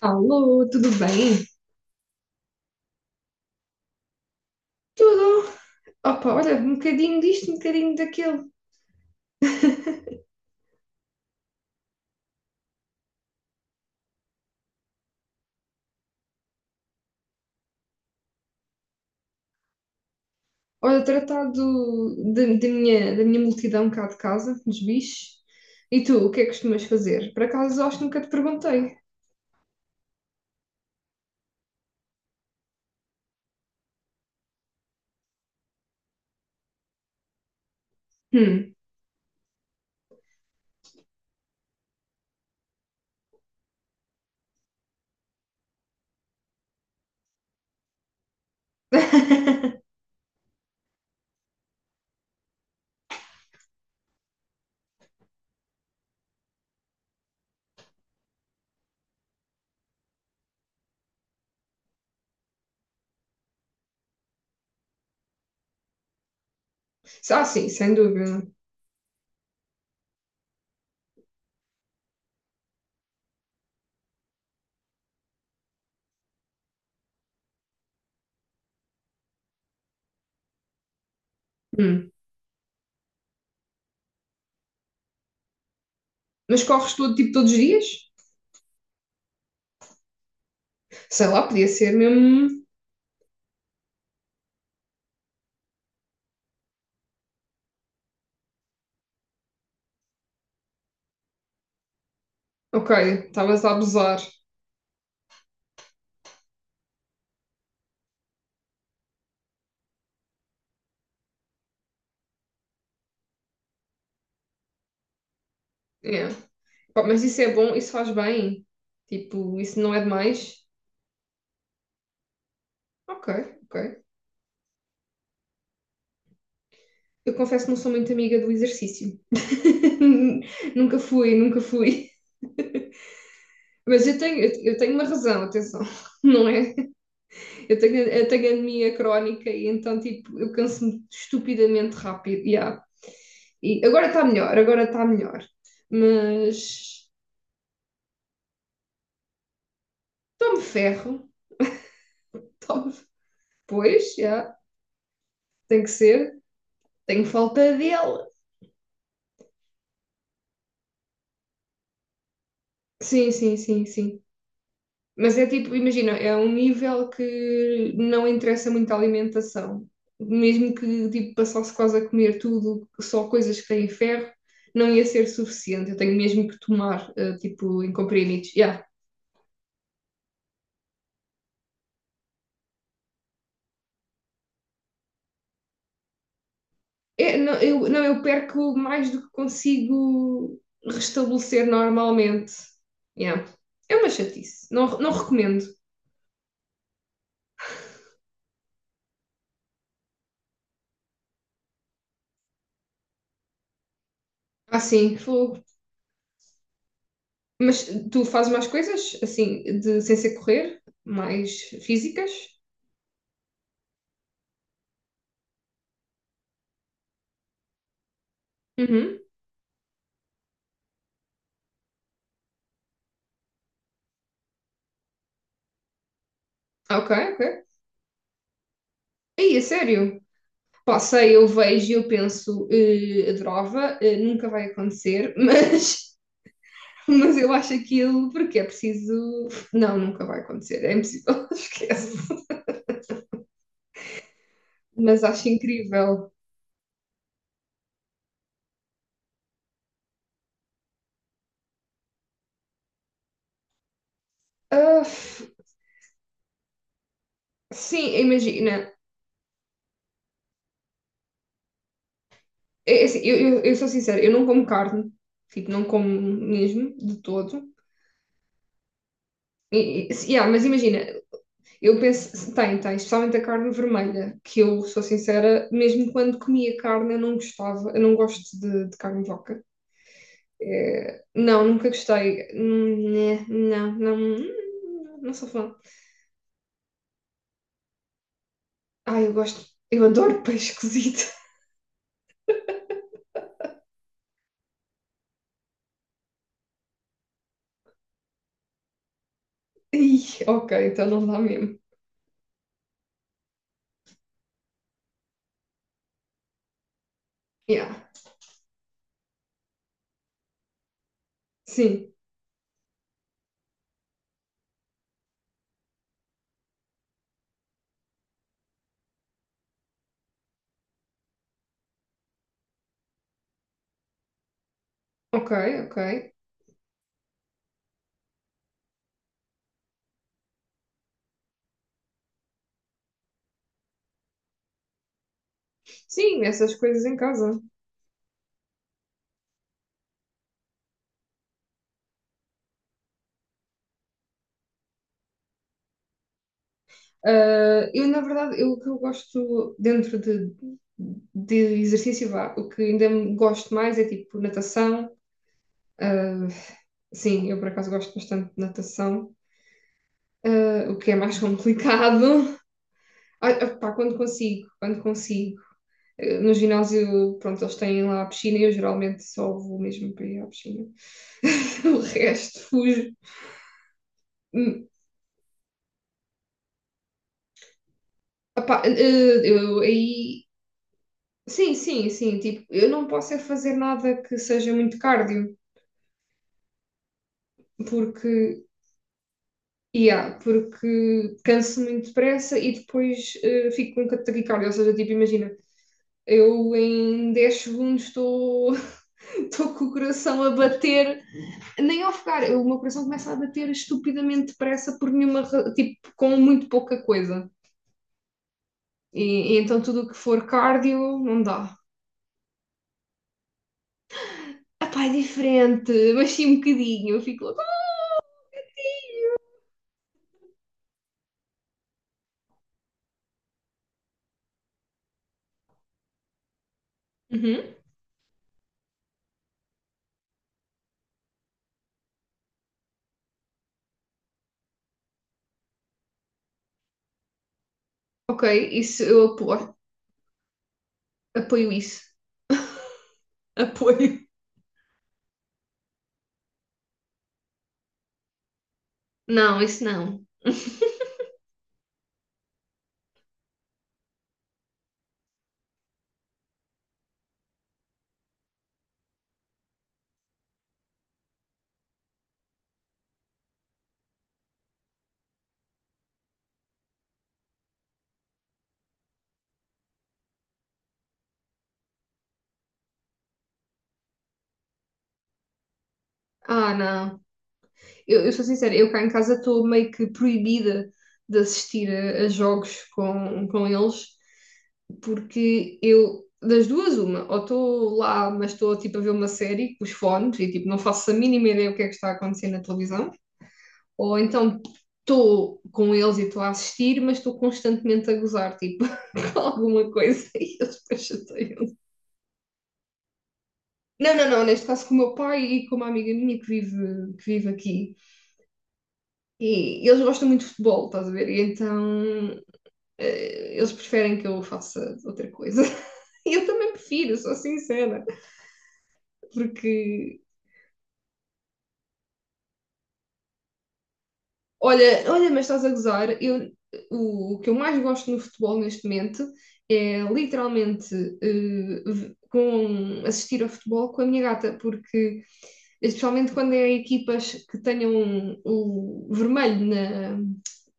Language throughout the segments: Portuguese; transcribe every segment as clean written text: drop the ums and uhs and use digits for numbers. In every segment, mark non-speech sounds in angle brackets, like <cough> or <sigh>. Alô, tudo bem? Tudo. Opa, olha, um bocadinho disto, um bocadinho daquilo. Olha, tratar do, da, da minha multidão cá de casa, dos bichos. E tu, o que é que costumas fazer? Por acaso, acho que nunca te perguntei. Hum. <laughs> Ah, sim, sem dúvida. Hum. Mas corres tipo, todos os dias? Sei lá, podia ser mesmo... um. Ok, estavas a abusar. Yeah. Pá, mas isso é bom, isso faz bem. Tipo, isso não é demais? Ok, ok. Eu confesso que não sou muito amiga do exercício. <laughs> Nunca fui, nunca fui. Mas eu tenho uma razão, atenção, <laughs> não é? Eu tenho anemia crónica e então, tipo, eu canso-me estupidamente rápido. Yeah. E agora está melhor, agora está melhor. Mas tome ferro, <laughs> tome. Pois, já, tem que ser. Tenho falta dele. Sim, sim, sim, sim. Mas é tipo, imagina, é um nível que não interessa muito a alimentação. Mesmo que tipo, passasse quase a comer tudo, só coisas que têm ferro, não ia ser suficiente. Eu tenho mesmo que tomar, tipo, em comprimidos. Yeah. É, não, eu, não, eu perco mais do que consigo restabelecer normalmente. Yeah. É uma chatice. Não, não recomendo. Assim, fogo. Mas tu fazes mais coisas, assim, de, sem ser correr, mais físicas? Uhum. Ok, ok. Aí, é sério. Pá, sei, eu vejo e eu penso, adorava, nunca vai acontecer, mas, <laughs> mas eu acho aquilo porque é preciso. Não, nunca vai acontecer, é impossível, <laughs> esquece. Mas acho incrível. Ah, sim, imagina. É assim, eu sou sincera, eu não como carne, tipo, não como mesmo, de todo. Yeah, mas imagina, eu penso, tem, especialmente a carne vermelha, que eu sou sincera, mesmo quando comia carne eu não gostava, eu não gosto de carne de vaca. É, não, nunca gostei. Né? Não, não, não sou fã. Ah, eu adoro peixe cozido. <laughs> Ih, ok, então não dá mesmo. Yeah, sim, ok, ok. Sim, essas coisas em casa. Ah, na verdade, eu, o que eu gosto dentro de, de exercício, vá, o que ainda me gosto mais é tipo natação. Ah, sim, eu por acaso gosto bastante de natação, ah, o que é mais complicado. <laughs> Ah, pá, quando consigo, quando consigo. Ah, no ginásio, pronto, eles têm lá a piscina e eu geralmente só vou mesmo para ir à piscina. <laughs> O resto fujo. Hum, Opá, eu aí... Sim, sim, sim. Tipo, eu não posso é fazer nada que seja muito cardio, porque, yeah, porque canso muito depressa e depois fico com um taquicardia. Ou seja, tipo, imagina, eu em 10 segundos estou <laughs> estou com o coração a bater, nem a ofegar, o meu coração começa a bater estupidamente depressa por nenhuma, tipo, com muito pouca coisa. E, e então tudo o que for cardio, não dá. Epá, é diferente, <laughs> mas sim um bocadinho, eu fico logo. "Ah!" Uhum. Ok, isso eu apoio, apoio isso. Apoio. Não, isso não. Ah, não. Eu sou sincera, eu cá em casa estou meio que proibida de assistir a jogos com eles, porque eu, das duas, uma, ou estou lá, mas estou tipo a ver uma série com os fones e tipo não faço a mínima ideia o que é que está a acontecer na televisão, ou então estou com eles e estou a assistir, mas estou constantemente a gozar, tipo, <laughs> com alguma coisa e eles depois chateiam. Não, não, não, neste caso com o meu pai e com uma amiga minha que vive aqui. E eles gostam muito de futebol, estás a ver? E então, eles preferem que eu faça outra coisa. <laughs> E eu também prefiro, sou sincera. Porque, olha, olha, mas estás a gozar, eu, o que eu mais gosto no futebol neste momento é literalmente, assistir ao futebol com a minha gata, porque especialmente quando é equipas que tenham o vermelho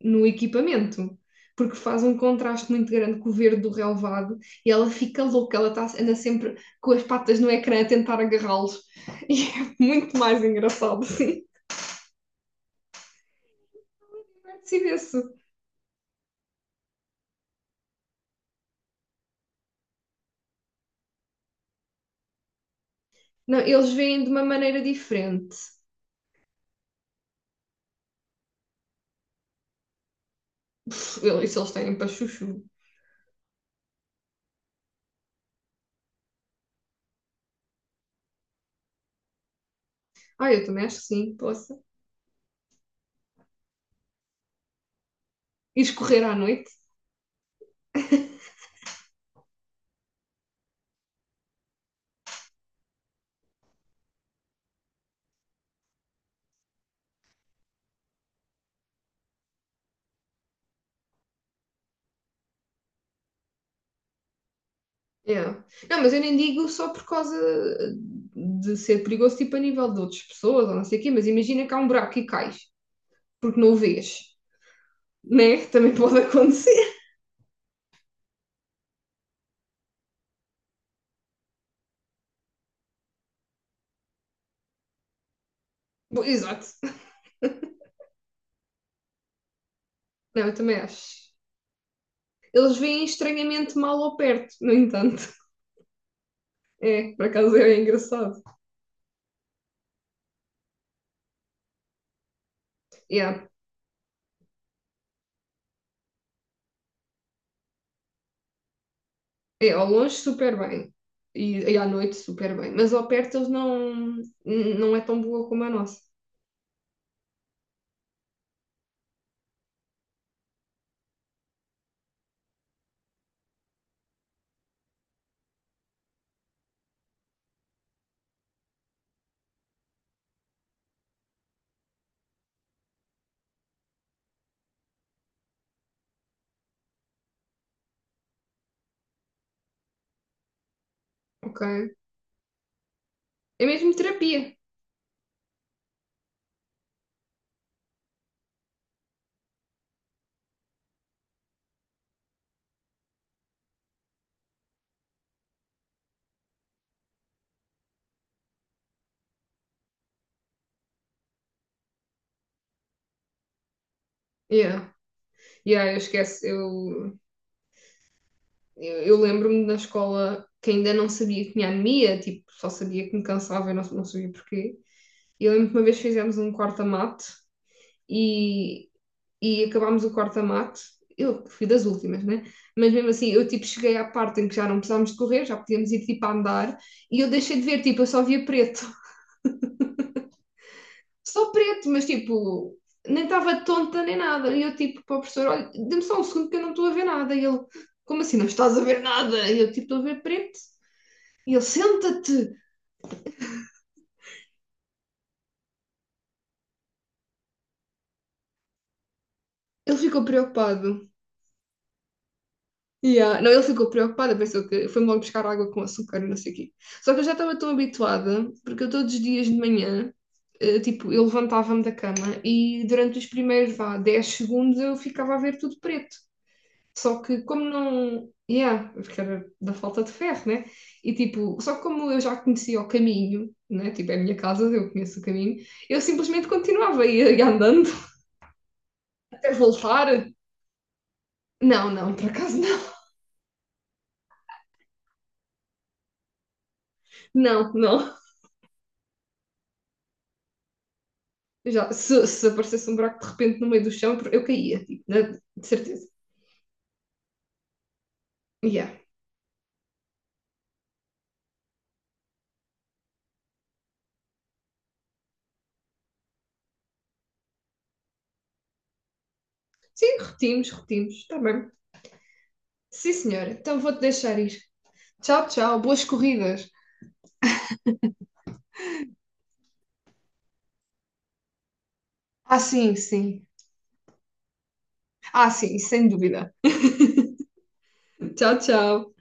no equipamento, porque faz um contraste muito grande com o verde do relevado e ela fica louca, ela tá, anda sempre com as patas no ecrã a tentar agarrá-los <laughs> e é muito mais engraçado, sim. Se vê-se. Não, eles veem de uma maneira diferente. Isso eles têm para chuchu. Ah, eu também acho que sim, possa. E escorrer à noite. Yeah. Não, mas eu nem digo só por causa de ser perigoso, tipo a nível de outras pessoas ou não sei o quê, mas imagina que há um buraco e cais, porque não o vês, né? <laughs> Também pode acontecer. <laughs> Bom, exato. Não, eu também acho. Eles veem estranhamente mal ao perto, no entanto. É, por acaso é engraçado. Yeah. É, ao longe super bem. E à noite super bem. Mas ao perto eles não, não é tão boa como a nossa. Ok? É mesmo terapia. Yeah. Yeah, eu esqueço. Eu lembro-me na escola que ainda não sabia que tinha anemia, tipo, só sabia que me cansava e não sabia porquê. E eu lembro que uma vez fizemos um corta-mate e, e acabámos o corta-mate. Eu fui das últimas, né? Mas mesmo assim, eu tipo cheguei à parte em que já não precisávamos de correr, já podíamos ir tipo a andar e eu deixei de ver, tipo, eu só via preto. <laughs> Só preto, mas tipo, nem estava tonta nem nada. E eu tipo, para o professor, olha, dê-me só um segundo que eu não estou a ver nada. E ele, como assim não estás a ver nada? E eu tipo, estou a ver preto. E ele, senta-te! Ele ficou preocupado. Yeah. Não, ele ficou preocupado, pensou que foi logo buscar água com açúcar e não sei o quê. Só que eu já estava tão habituada, porque eu todos os dias de manhã, tipo, eu levantava-me da cama e durante os primeiros, vá, 10 segundos eu ficava a ver tudo preto. Só que como não... Yeah, porque era da falta de ferro, né? E tipo, só que como eu já conhecia o caminho, né? Tipo, é a minha casa, eu conheço o caminho, eu simplesmente continuava a ir andando <laughs> até voltar. Não, não, por acaso não. Não, não. Eu já, se aparecesse um buraco de repente no meio do chão, eu caía, tipo, de certeza. Yeah. Sim, repetimos, repetimos, está bem. Sim, senhora, então vou-te deixar ir. Tchau, tchau, boas corridas. Ah, sim, sim. Ah, sim, sem dúvida. Tchau, tchau.